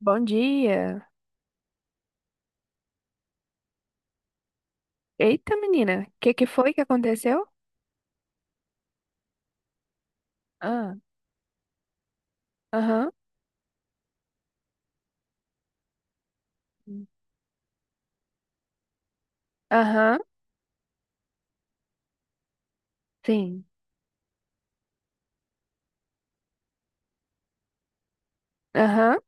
Bom dia. Eita, menina, o que que foi que aconteceu? Ah, aham, aham, sim, aham,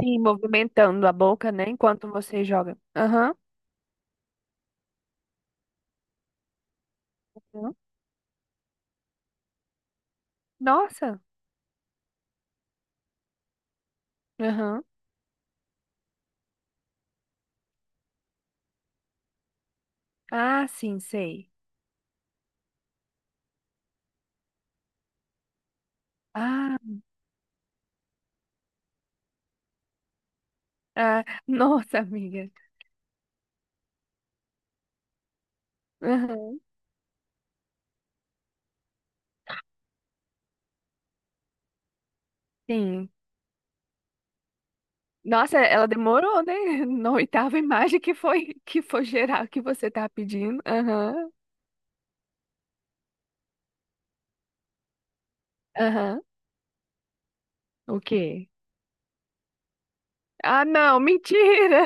sim, movimentando a boca, né, enquanto você joga. Aham, aham. Nossa, aham, ah, sim, sei. Ah, ah, nossa, amiga, aham, sim. Nossa, ela demorou, né, na oitava imagem que foi geral que você tá pedindo. Aham, aham, o quê? Ah, não, mentira!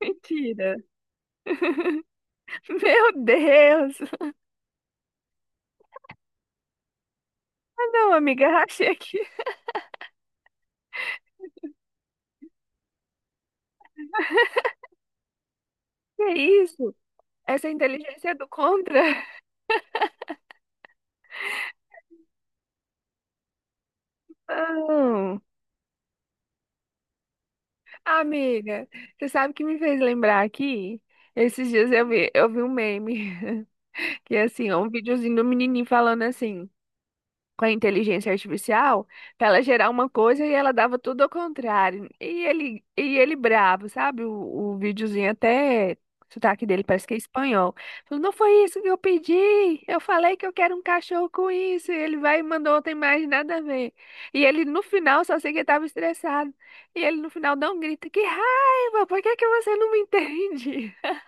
Mentira. Meu Deus! Ah, não, amiga, rachei aqui. Que é isso? Essa inteligência é do contra? Não. Amiga, você sabe o que me fez lembrar aqui? Esses dias eu vi um meme, que é assim, é um videozinho do menininho falando assim. Com a inteligência artificial para ela gerar uma coisa e ela dava tudo ao contrário. e ele bravo, sabe? O videozinho até o sotaque dele parece que é espanhol. Falou, não foi isso que eu pedi. Eu falei que eu quero um cachorro com isso. E ele vai e mandou outra imagem, nada a ver. E ele no final, só sei que ele estava estressado. E ele no final dá um grito, que raiva, por que que você não me entende?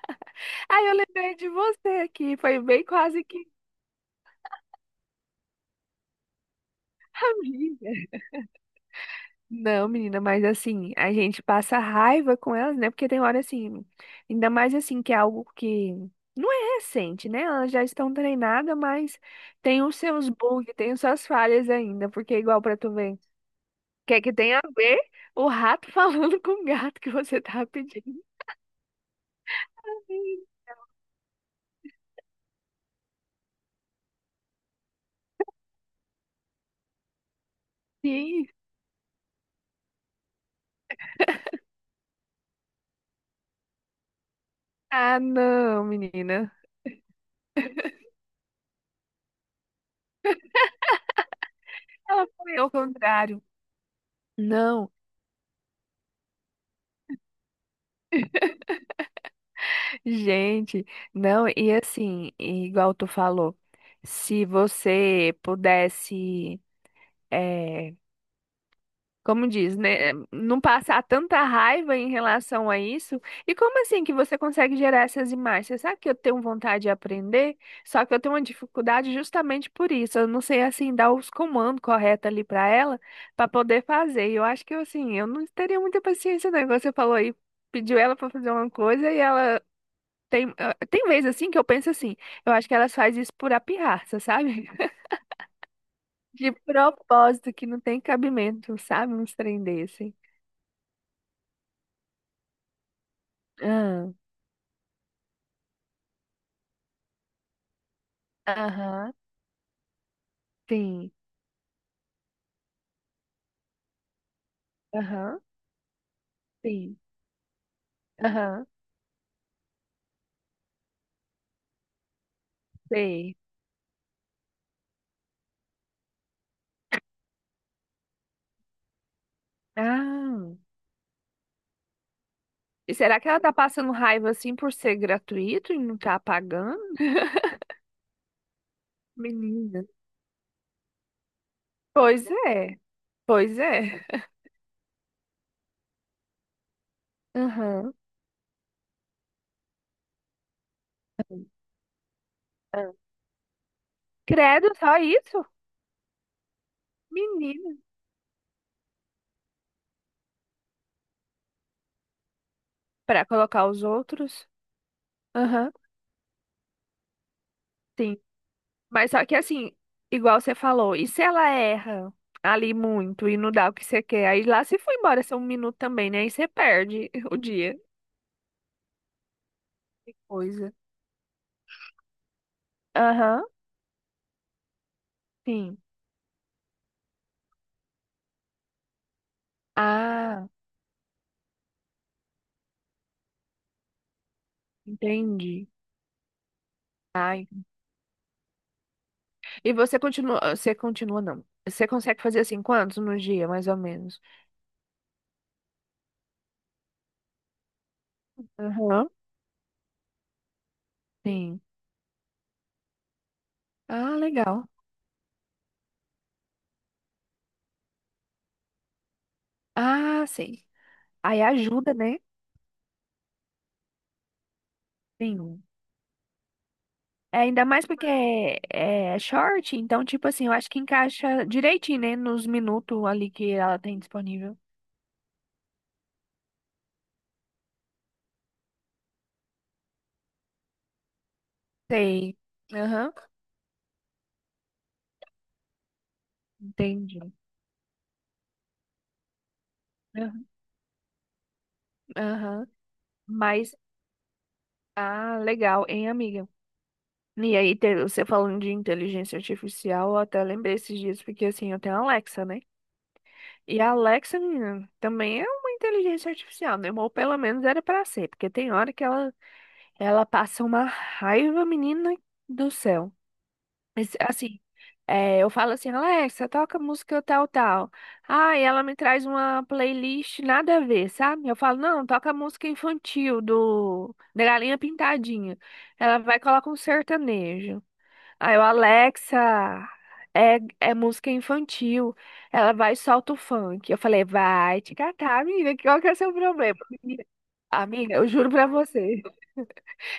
Aí eu lembrei de você aqui, foi bem quase que amiga. Não, menina, mas assim, a gente passa raiva com elas, né? Porque tem hora assim, ainda mais assim, que é algo que não é recente, né? Elas já estão treinadas, mas tem os seus bugs, tem as suas falhas ainda, porque é igual pra tu ver. Quer que tenha a ver o rato falando com o gato que você tá pedindo? Sim. Ah, não, menina. Ela foi ao contrário. Não. Gente, não, e assim, e igual tu falou, se você pudesse, é como diz, né, não passar tanta raiva em relação a isso, e como assim que você consegue gerar essas imagens? Você sabe que eu tenho vontade de aprender, só que eu tenho uma dificuldade justamente por isso, eu não sei, assim, dar os comandos corretos ali para ela, para poder fazer, e eu acho que, assim, eu não teria muita paciência, não, igual você falou aí, pediu ela para fazer uma coisa e ela tem vezes assim que eu penso assim, eu acho que elas fazem isso por pirraça, sabe? De propósito, que não tem cabimento, sabe? Uns trem desse. Ah, aham, sim. Aham, sim. Aham, sei. Ah. E será que ela tá passando raiva assim por ser gratuito e não tá pagando? Menina. Pois é, pois é. Aham. Ah. Credo, só isso? Menina. Pra colocar os outros? Aham. Mas só que assim, igual você falou, e se ela erra ali muito e não dá o que você quer? Aí lá se foi embora só um minuto também, né? Aí você perde o dia. Que coisa. Aham, sim. Ah, entendi. Ai. E você continua não. Você consegue fazer assim quantos no dia, mais ou menos? Aham, sim. Ah, legal. Ah, sim. Aí ajuda, né? Sim. É, ainda mais porque é, é short, então, tipo assim, eu acho que encaixa direitinho, né, nos minutos ali que ela tem disponível. Sei. Aham, entendi. Aham. Aham. Mas, ah, legal, hein, amiga? E aí, você falando de inteligência artificial, eu até lembrei esses dias, porque assim, eu tenho a Alexa, né? E a Alexa, menina, também é uma inteligência artificial, né? Ou pelo menos era pra ser, porque tem hora que ela passa uma raiva, menina do céu. Mas, assim, é, eu falo assim, Alexa, toca música tal, tal. Ah, e ela me traz uma playlist nada a ver, sabe? Eu falo, não, toca música infantil do da Galinha Pintadinha. Ela vai e coloca um sertanejo. Aí eu, Alexa, é, é música infantil. Ela vai e solta o funk. Eu falei, vai te catar, amiga, qual que é o seu problema? Menina, amiga, eu juro pra você.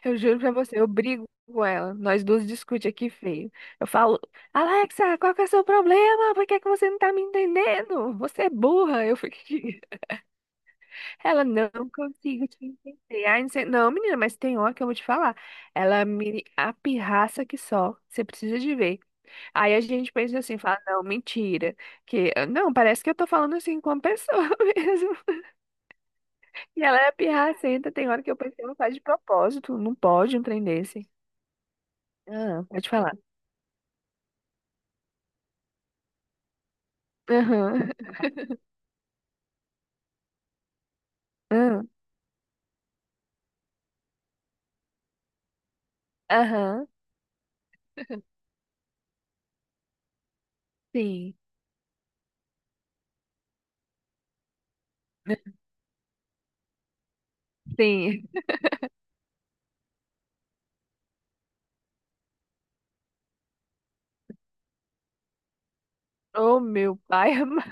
Eu juro pra você, eu brigo com ela. Nós duas discute aqui feio. Eu falo, Alexa, qual que é o seu problema? Por que que você não tá me entendendo? Você é burra. Eu fico aqui. Ela, não consigo te entender. Aí, não, menina, mas tem hora que eu vou te falar. Ela me apirraça que só. Você precisa de ver. Aí a gente pensa assim, fala, não, mentira. Que, não, parece que eu tô falando assim com uma pessoa mesmo. E ela é pirracenta. Tem hora que eu pensei, não faz de propósito. Não pode um trem desse. Ah, pode falar. Aham. Aham. Aham. Sim. Sim. Oh, meu pai amado.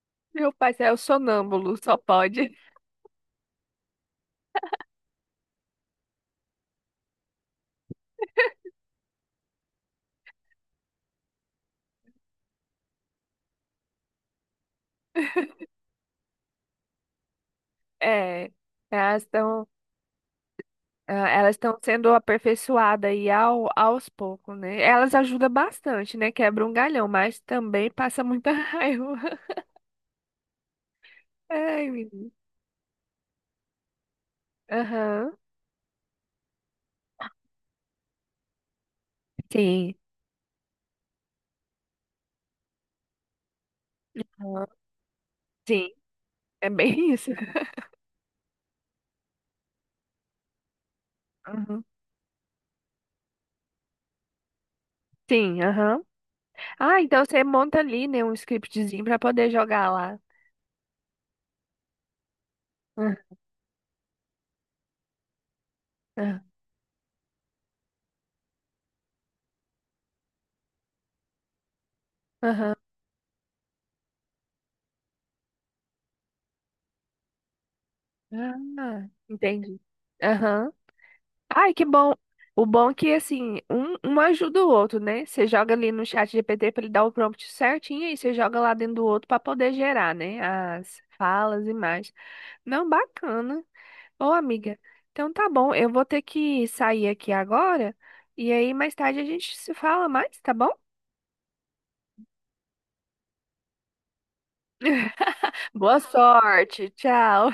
Meu pai é o sonâmbulo, só pode. É. Elas estão, elas estão sendo aperfeiçoadas aí aos poucos, né? Elas ajudam bastante, né? Quebra um galhão, mas também passa muita raiva. Ai, menino. Aham. Sim. Aham. Sim. É bem isso. Uhum. Sim, aham. Ah, então você monta ali, né, um scriptzinho pra poder jogar lá. Aham. Aham. Ah, entendi. Aham. Ai, que bom. O bom é que, assim, um ajuda o outro, né? Você joga ali no chat GPT para ele dar o prompt certinho e você joga lá dentro do outro para poder gerar, né? As falas e mais. Não, bacana. Ô, amiga, então tá bom. Eu vou ter que sair aqui agora e aí mais tarde a gente se fala mais, tá bom? Boa sorte. Tchau.